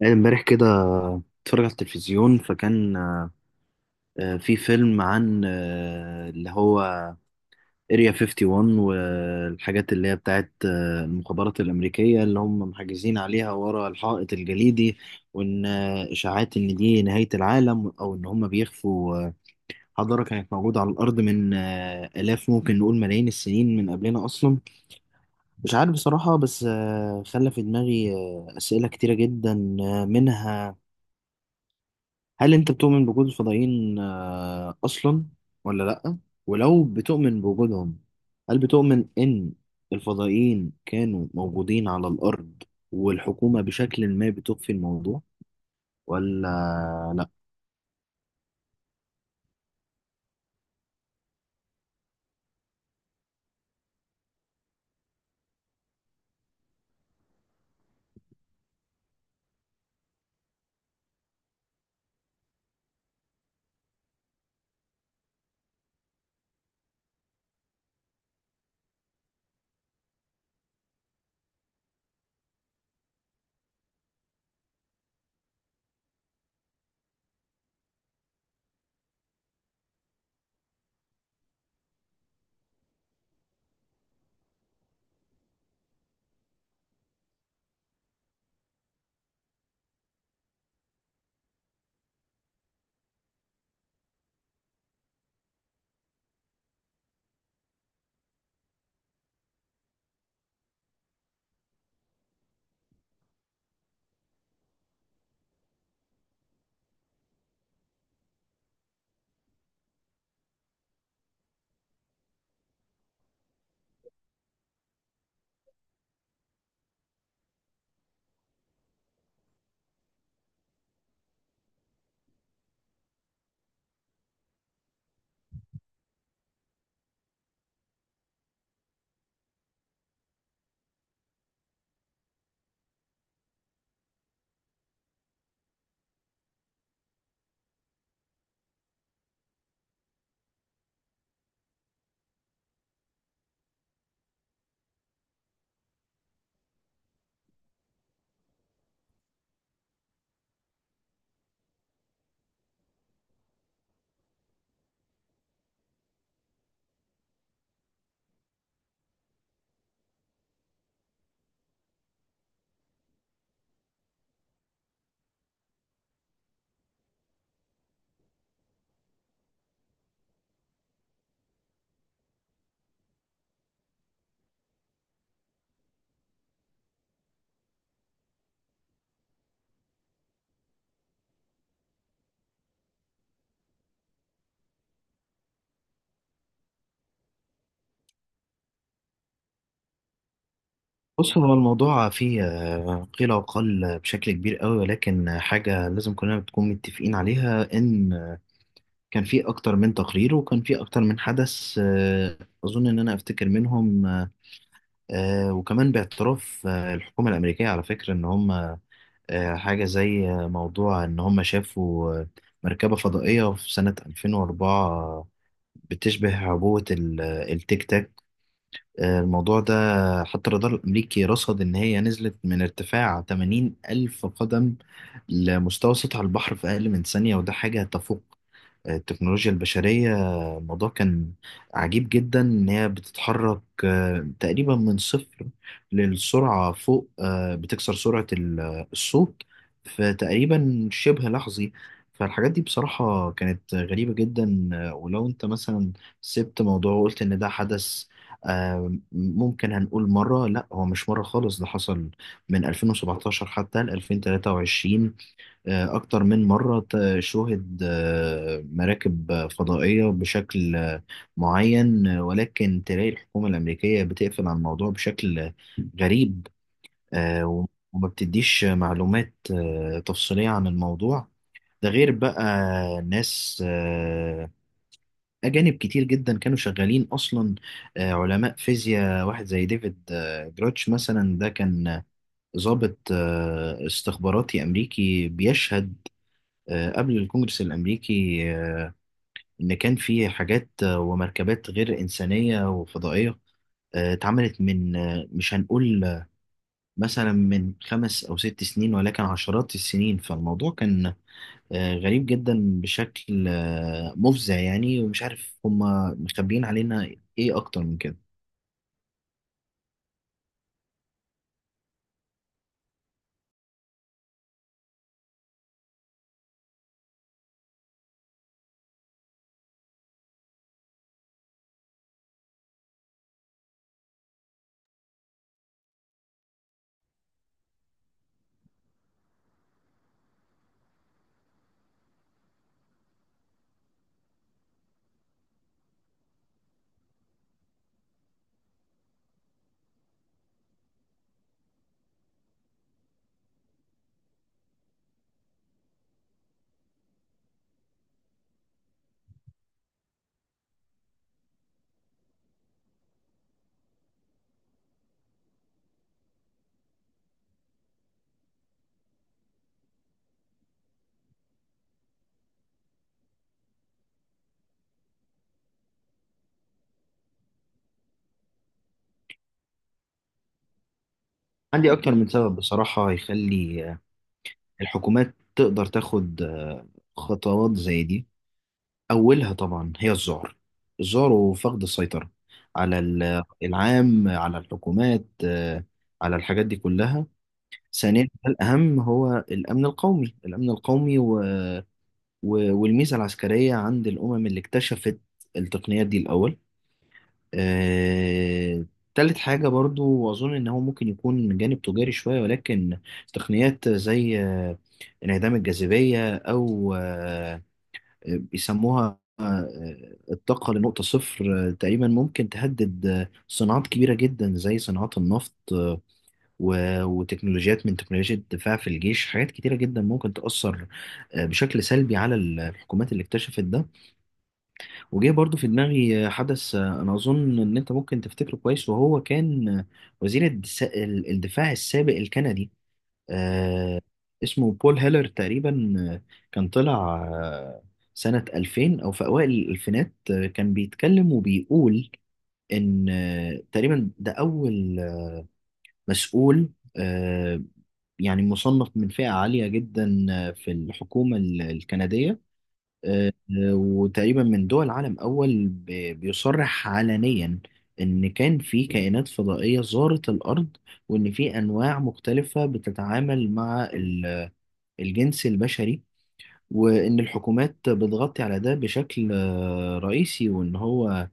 يعني امبارح كده اتفرج على التلفزيون فكان في فيلم عن اللي هو اريا 51 والحاجات اللي هي بتاعت المخابرات الأمريكية اللي هم محجزين عليها ورا الحائط الجليدي. وإن إشاعات إن دي نهاية العالم أو إن هم بيخفوا حضارة كانت موجودة على الأرض من آلاف، ممكن نقول ملايين السنين من قبلنا أصلا. مش عارف بصراحة، بس خلى في دماغي أسئلة كتيرة جدا، منها: هل انت بتؤمن بوجود الفضائيين اصلا ولا لا؟ ولو بتؤمن بوجودهم، هل بتؤمن ان الفضائيين كانوا موجودين على الارض والحكومة بشكل ما بتخفي الموضوع ولا لا؟ بص، هو الموضوع فيه قيل وقال بشكل كبير قوي، ولكن حاجة لازم كلنا بتكون متفقين عليها: ان كان في اكتر من تقرير وكان في اكتر من حدث اظن ان انا افتكر منهم، وكمان باعتراف الحكومة الأمريكية على فكرة، إن هم حاجة زي موضوع إن هم شافوا مركبة فضائية في سنة 2004 بتشبه عبوة التيك تاك. الموضوع ده حتى الرادار الأمريكي رصد إن هي نزلت من ارتفاع 80 ألف قدم لمستوى سطح البحر في أقل من ثانية، وده حاجة تفوق التكنولوجيا البشرية. الموضوع كان عجيب جدا، إن هي بتتحرك تقريبا من صفر للسرعة فوق، بتكسر سرعة الصوت. فتقريبا شبه لحظي. فالحاجات دي بصراحة كانت غريبة جدا. ولو أنت مثلا سبت موضوع وقلت إن ده حدث ممكن هنقول مرة، لا هو مش مرة خالص، ده حصل من 2017 حتى ل 2023. أكتر من مرة شوهد مراكب فضائية بشكل معين، ولكن تلاقي الحكومة الأمريكية بتقفل على الموضوع بشكل غريب. آه، و- وما بتديش معلومات تفصيلية عن الموضوع ده، غير بقى ناس أجانب كتير جدا كانوا شغالين أصلا. علماء فيزياء، واحد زي ديفيد جراتش مثلا، ده كان ضابط استخباراتي أمريكي، بيشهد قبل الكونجرس الأمريكي إن كان في حاجات ومركبات غير إنسانية وفضائية اتعملت من مش هنقول مثلا من 5 أو 6 سنين، ولكن عشرات السنين. فالموضوع كان غريب جدا بشكل مفزع يعني، ومش عارف هما مخبيين علينا إيه أكتر من كده. عندي أكتر من سبب بصراحة يخلي الحكومات تقدر تاخد خطوات زي دي. أولها طبعا هي الذعر، الذعر وفقد السيطرة على العام، على الحكومات على الحاجات دي كلها. ثانيا الأهم هو الأمن القومي، الأمن القومي والميزة العسكرية عند الأمم اللي اكتشفت التقنيات دي الأول. آه... تالت حاجة برضو، وأظن إن هو ممكن يكون من جانب تجاري شوية، ولكن تقنيات زي انعدام الجاذبية، أو بيسموها الطاقة لنقطة صفر تقريبا، ممكن تهدد صناعات كبيرة جدا زي صناعات النفط وتكنولوجيات من تكنولوجيا الدفاع في الجيش. حاجات كتيرة جدا ممكن تأثر بشكل سلبي على الحكومات اللي اكتشفت ده. وجه برضو في دماغي حدث، أنا أظن إن أنت ممكن تفتكره كويس، وهو كان وزير الدفاع السابق الكندي، آه اسمه بول هيلر تقريبا. كان طلع آه، سنة 2000 أو في أوائل الألفينات، كان بيتكلم وبيقول إن تقريبا ده أول مسؤول آه، يعني مصنف من فئة عالية جدا في الحكومة الكندية، وتقريبا من دول عالم أول بيصرح علنيا إن كان في كائنات فضائية زارت الأرض، وإن في أنواع مختلفة بتتعامل مع الجنس البشري، وإن الحكومات بتغطي على ده بشكل رئيسي. وإن هو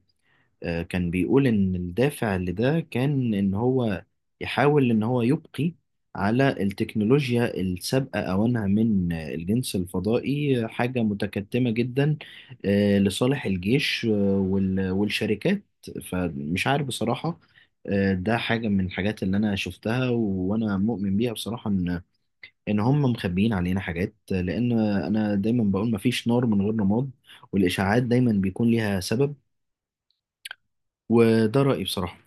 كان بيقول إن الدافع لده كان إن هو يحاول إن هو يبقي على التكنولوجيا السابقة أوانها من الجنس الفضائي حاجة متكتمة جدا، لصالح الجيش والشركات. فمش عارف بصراحة، ده حاجة من الحاجات اللي أنا شفتها وأنا مؤمن بيها بصراحة، ان هم مخبيين علينا حاجات، لان انا دايما بقول: مفيش نار من غير رماد، والاشاعات دايما بيكون ليها سبب. وده رايي بصراحه.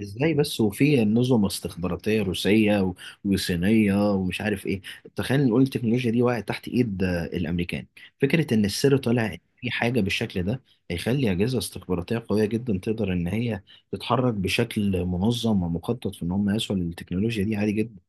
ازاي بس، وفي نظم استخباراتيه روسيه وصينيه ومش عارف ايه؟ تخيل نقول التكنولوجيا دي وقعت تحت ايد الامريكان، فكره ان السر طالع إن في حاجه بالشكل ده هيخلي اجهزه استخباراتيه قويه جدا تقدر ان هي تتحرك بشكل منظم ومخطط في ان هم يسوا للتكنولوجيا دي عادي جدا.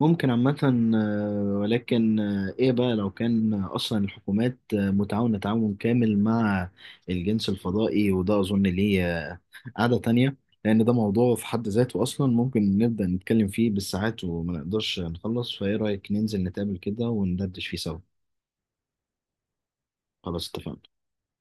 ممكن عامة، ولكن إيه بقى لو كان أصلا الحكومات متعاونة تعاون كامل مع الجنس الفضائي؟ وده أظن ليه قعدة تانية، لأن ده موضوع في حد ذاته أصلا ممكن نبدأ نتكلم فيه بالساعات وما نقدرش نخلص. فإيه رأيك ننزل نتقابل كده وندردش فيه سوا؟ خلاص، اتفقنا.